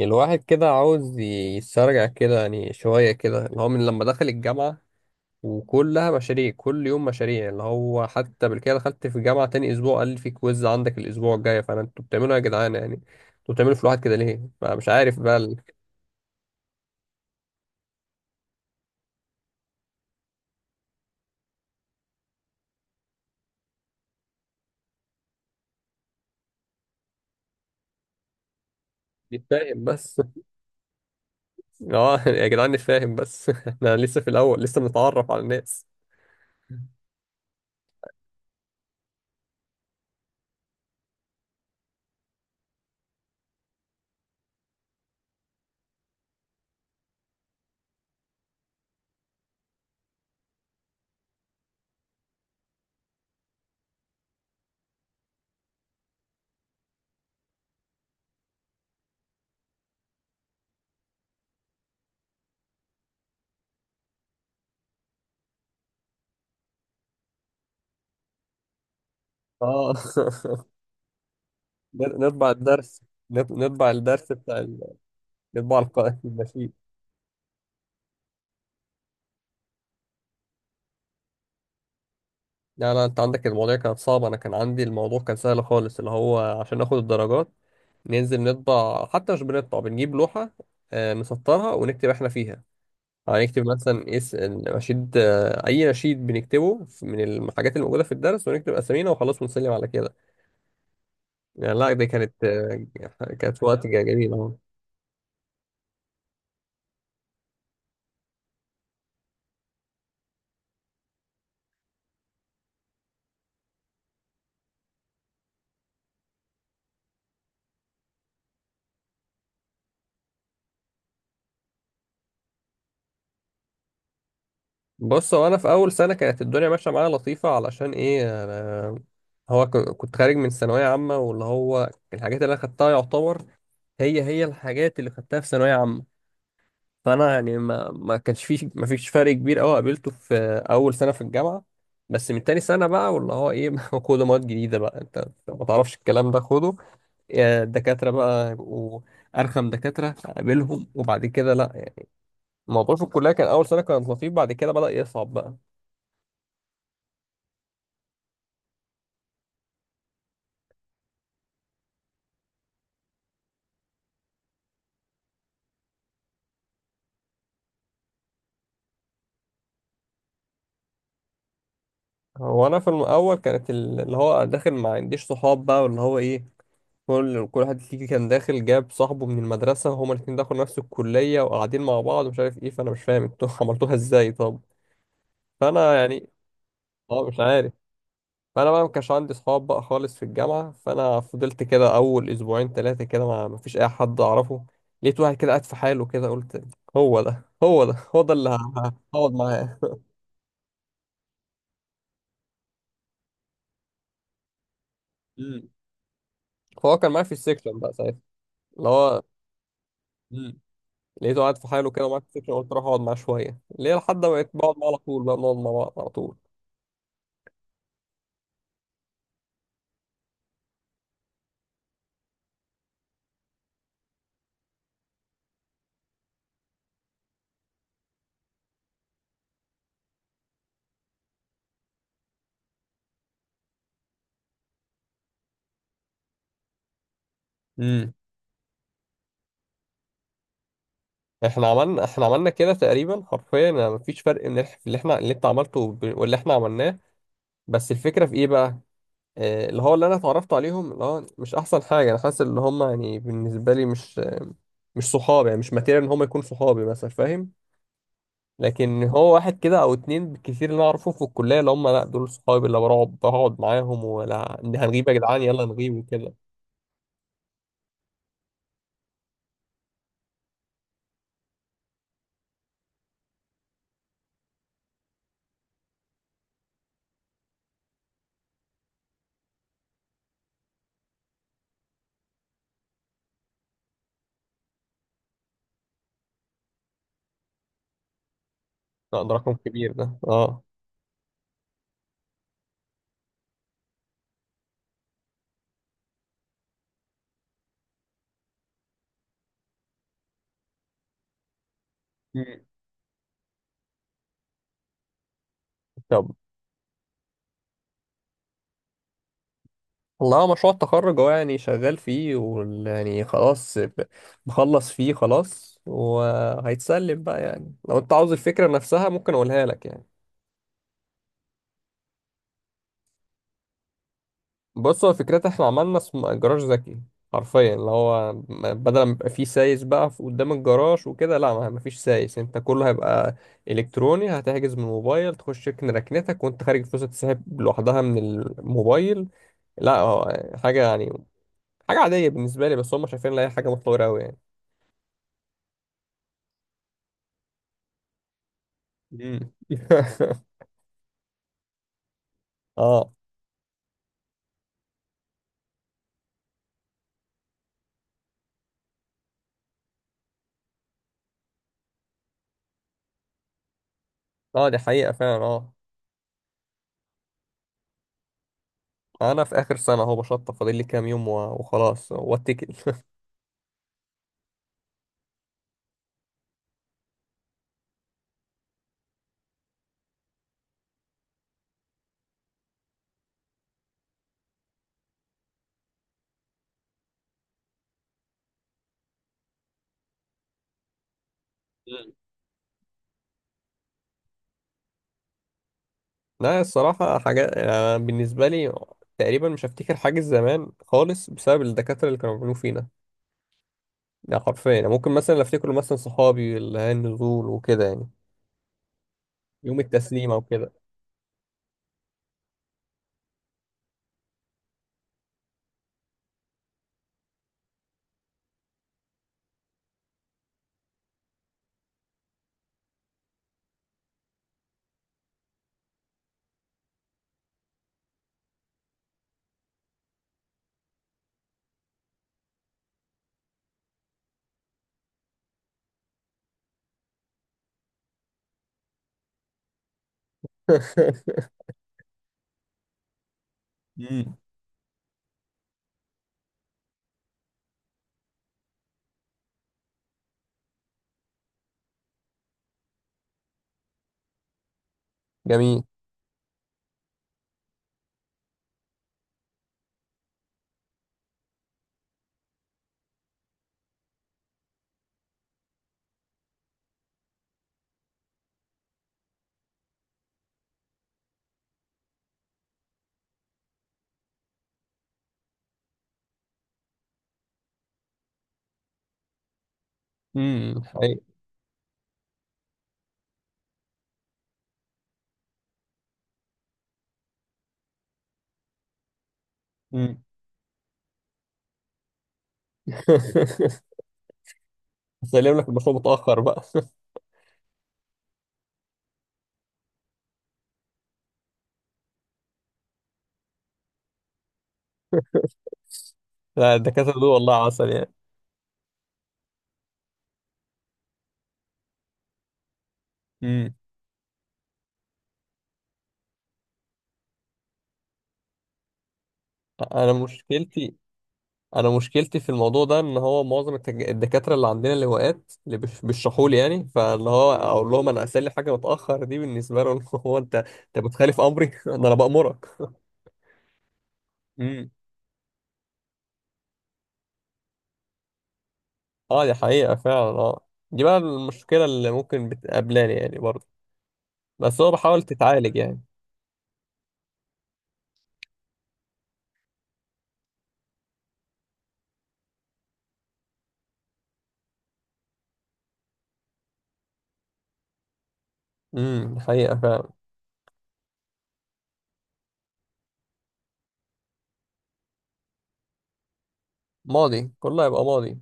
الواحد كده عاوز يسترجع كده، يعني شوية كده، اللي هو من لما دخل الجامعة. وكلها مشاريع، كل يوم مشاريع. اللي هو حتى بالكده دخلت في الجامعة تاني أسبوع، قال لي في كويز عندك الأسبوع الجاي. فأنا أنتوا بتعملوا إيه يا جدعان؟ يعني أنتوا بتعملوا في الواحد كده ليه؟ فمش عارف بقى، نتفاهم بس. أه يا جدعان، نتفاهم بس. إحنا لسه في الأول، لسه بنتعرف على الناس. أه. نطبع الدرس. نطبع الدرس بتاع نطبع المشيت. لا، لا، انت عندك المواضيع كانت صعبة، انا كان عندي الموضوع كان سهل خالص. اللي هو عشان ناخد الدرجات، ننزل نطبع. حتى مش بنطبع، بنجيب لوحة. نسطرها ونكتب احنا فيها. يعني نكتب مثلا اس النشيد، اي نشيد بنكتبه من الحاجات الموجودة في الدرس، ونكتب اسامينا وخلاص، ونسلم على كده يعني. لا، دي كانت وقت جميل اهو. بص، هو انا في اول سنة كانت الدنيا ماشية معايا لطيفة. علشان ايه؟ هو كنت خارج من ثانوية عامة، واللي هو الحاجات اللي أنا خدتها يعتبر هي هي الحاجات اللي خدتها في ثانوية عامة. فأنا يعني ما كانش فيه، ما فيش فرق كبير أوي قابلته في أول سنة في الجامعة. بس من تاني سنة بقى، واللي هو إيه؟ خد مواد جديدة بقى، أنت ما تعرفش الكلام ده، خده. يا الدكاترة بقى يبقوا أرخم دكاترة قابلهم. وبعد كده لأ. الموضوع في الكلية كان أول سنة كان لطيف، بعد كده بدأ يصعب بقى. هو أنا في الأول كانت اللي هو داخل ما عنديش صحاب بقى، واللي هو إيه. كل واحد فيك كان داخل جاب صاحبه من المدرسة، هما الاتنين دخلوا نفس الكلية وقاعدين مع بعض ومش عارف ايه. فأنا مش فاهم انتوا عملتوها ازاي طب؟ فأنا يعني. اه، مش عارف. فأنا بقى ما كانش عندي صحاب بقى خالص في الجامعة. فأنا فضلت كده أول أسبوعين تلاتة كده، ما فيش أي حد أعرفه. لقيت واحد كده قاعد في حاله كده، قلت هو ده، هو ده، هو ده اللي هقعد معاه. امم فهو كان معايا في السكشن بقى ساعتها، اللي هو. امم لقيته قاعد في حاله كده معايا في السكشن، قلت أروح أقعد معاه شوية ليه، لحد ما بقيت بقعد معاه على طول بقى، بنقعد مع بعض على طول. امم. احنا عملنا كده تقريبا حرفيا، يعني مفيش فرق ان إح- في اللي احنا اللي انت عملته واللي احنا عملناه. بس الفكره في ايه بقى؟ اللي هو، اللي انا اتعرفت عليهم، اللي هو مش احسن حاجه. انا حاسس ان هم يعني بالنسبه لي مش صحابي، يعني مش ماتيريال ان هم يكونوا صحابي مثلا، فاهم. لكن هو واحد كده او اتنين بالكثير اللي انا اعرفهم في الكليه، اللي هم لا دول صحابي، اللي بقعد معاهم، ولا هنغيب يا جدعان يلا نغيب وكده. لا، ده رقم كبير ده، اه. مم. طب والله، هو مشروع التخرج، هو يعني شغال فيه ويعني خلاص، بخلص فيه خلاص وهيتسلم بقى. يعني لو انت عاوز الفكرة نفسها ممكن اقولها لك يعني. بص، هو فكرتها احنا عملنا جراج ذكي. حرفيا، اللي هو بدل ما يبقى فيه سايس بقى قدام الجراج وكده. لا، ما فيش سايس. انت كله هيبقى الكتروني، هتحجز من الموبايل، تخش تكن ركنتك، وانت خارج الفلوس هتسحب لوحدها من الموبايل. لا هو حاجة يعني، حاجة عادية بالنسبة لي، بس هم شايفين ان هي حاجة متطورة أوي يعني. مم. اه. اه، دي حقيقة فعلا، اه. انا في اخر سنة اهو، بشطب، فاضل لي كام يوم وخلاص واتكل. مم. لا الصراحة، حاجات أنا بالنسبة لي تقريبا مش هفتكر حاجة زمان خالص، بسبب الدكاترة اللي كانوا بيعملوا فينا. ده حرفيا يعني. ممكن مثلا اللي افتكره مثلا صحابي، اللي هي النزول وكده يعني، يوم التسليمة وكده. مم. جميل. امم، حقيقي. امم. سلم لك المشروع متأخر بقى. لا الدكاترة دول والله عسل يعني. انا مشكلتي انا مشكلتي في الموضوع ده، ان هو معظم الدكاتره اللي عندنا اللواءات، اللي بيشرحوا لي يعني. فاللي هو اقول لهم انا، اسال لي حاجه متاخر دي بالنسبه لهم، هو انت بتخالف امري، ده انا بامرك. امم، اه، دي حقيقه فعلا، اه. دي بقى المشكله اللي ممكن بتقابلاني يعني برضه، بس هو بحاول تتعالج يعني. امم، حقيقه فعلا. ماضي، كله هيبقى ماضي.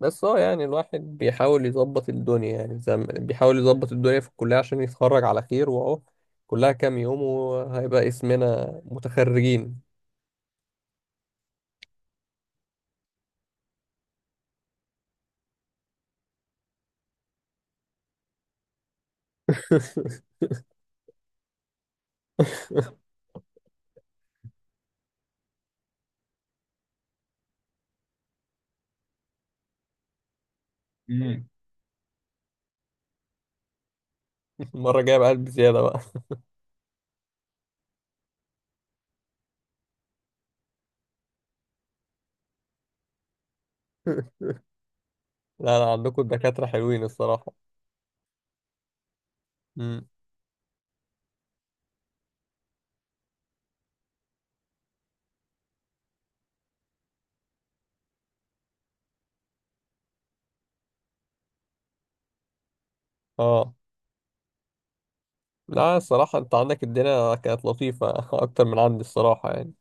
بس اه يعني الواحد بيحاول يظبط الدنيا يعني بيحاول يظبط الدنيا في الكلية عشان يتخرج على خير واهو. كلها كام يوم وهيبقى اسمنا متخرجين. مم. المرة الجاية بقى قلب زيادة بقى. لا، لا، عندكم الدكاترة حلوين الصراحة. امم. اه، لا الصراحة، انت عندك الدنيا كانت لطيفة اكتر من عندي الصراحة يعني.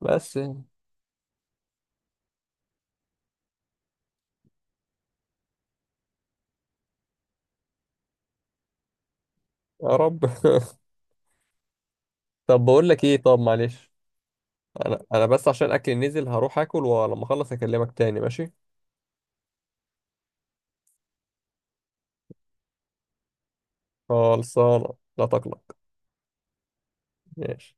بس يا رب. طب بقول لك ايه، طب معلش. انا بس عشان اكل نزل، هروح اكل ولما اخلص اكلمك تاني ماشي؟ خلصانة، لا تقلق. ماشي.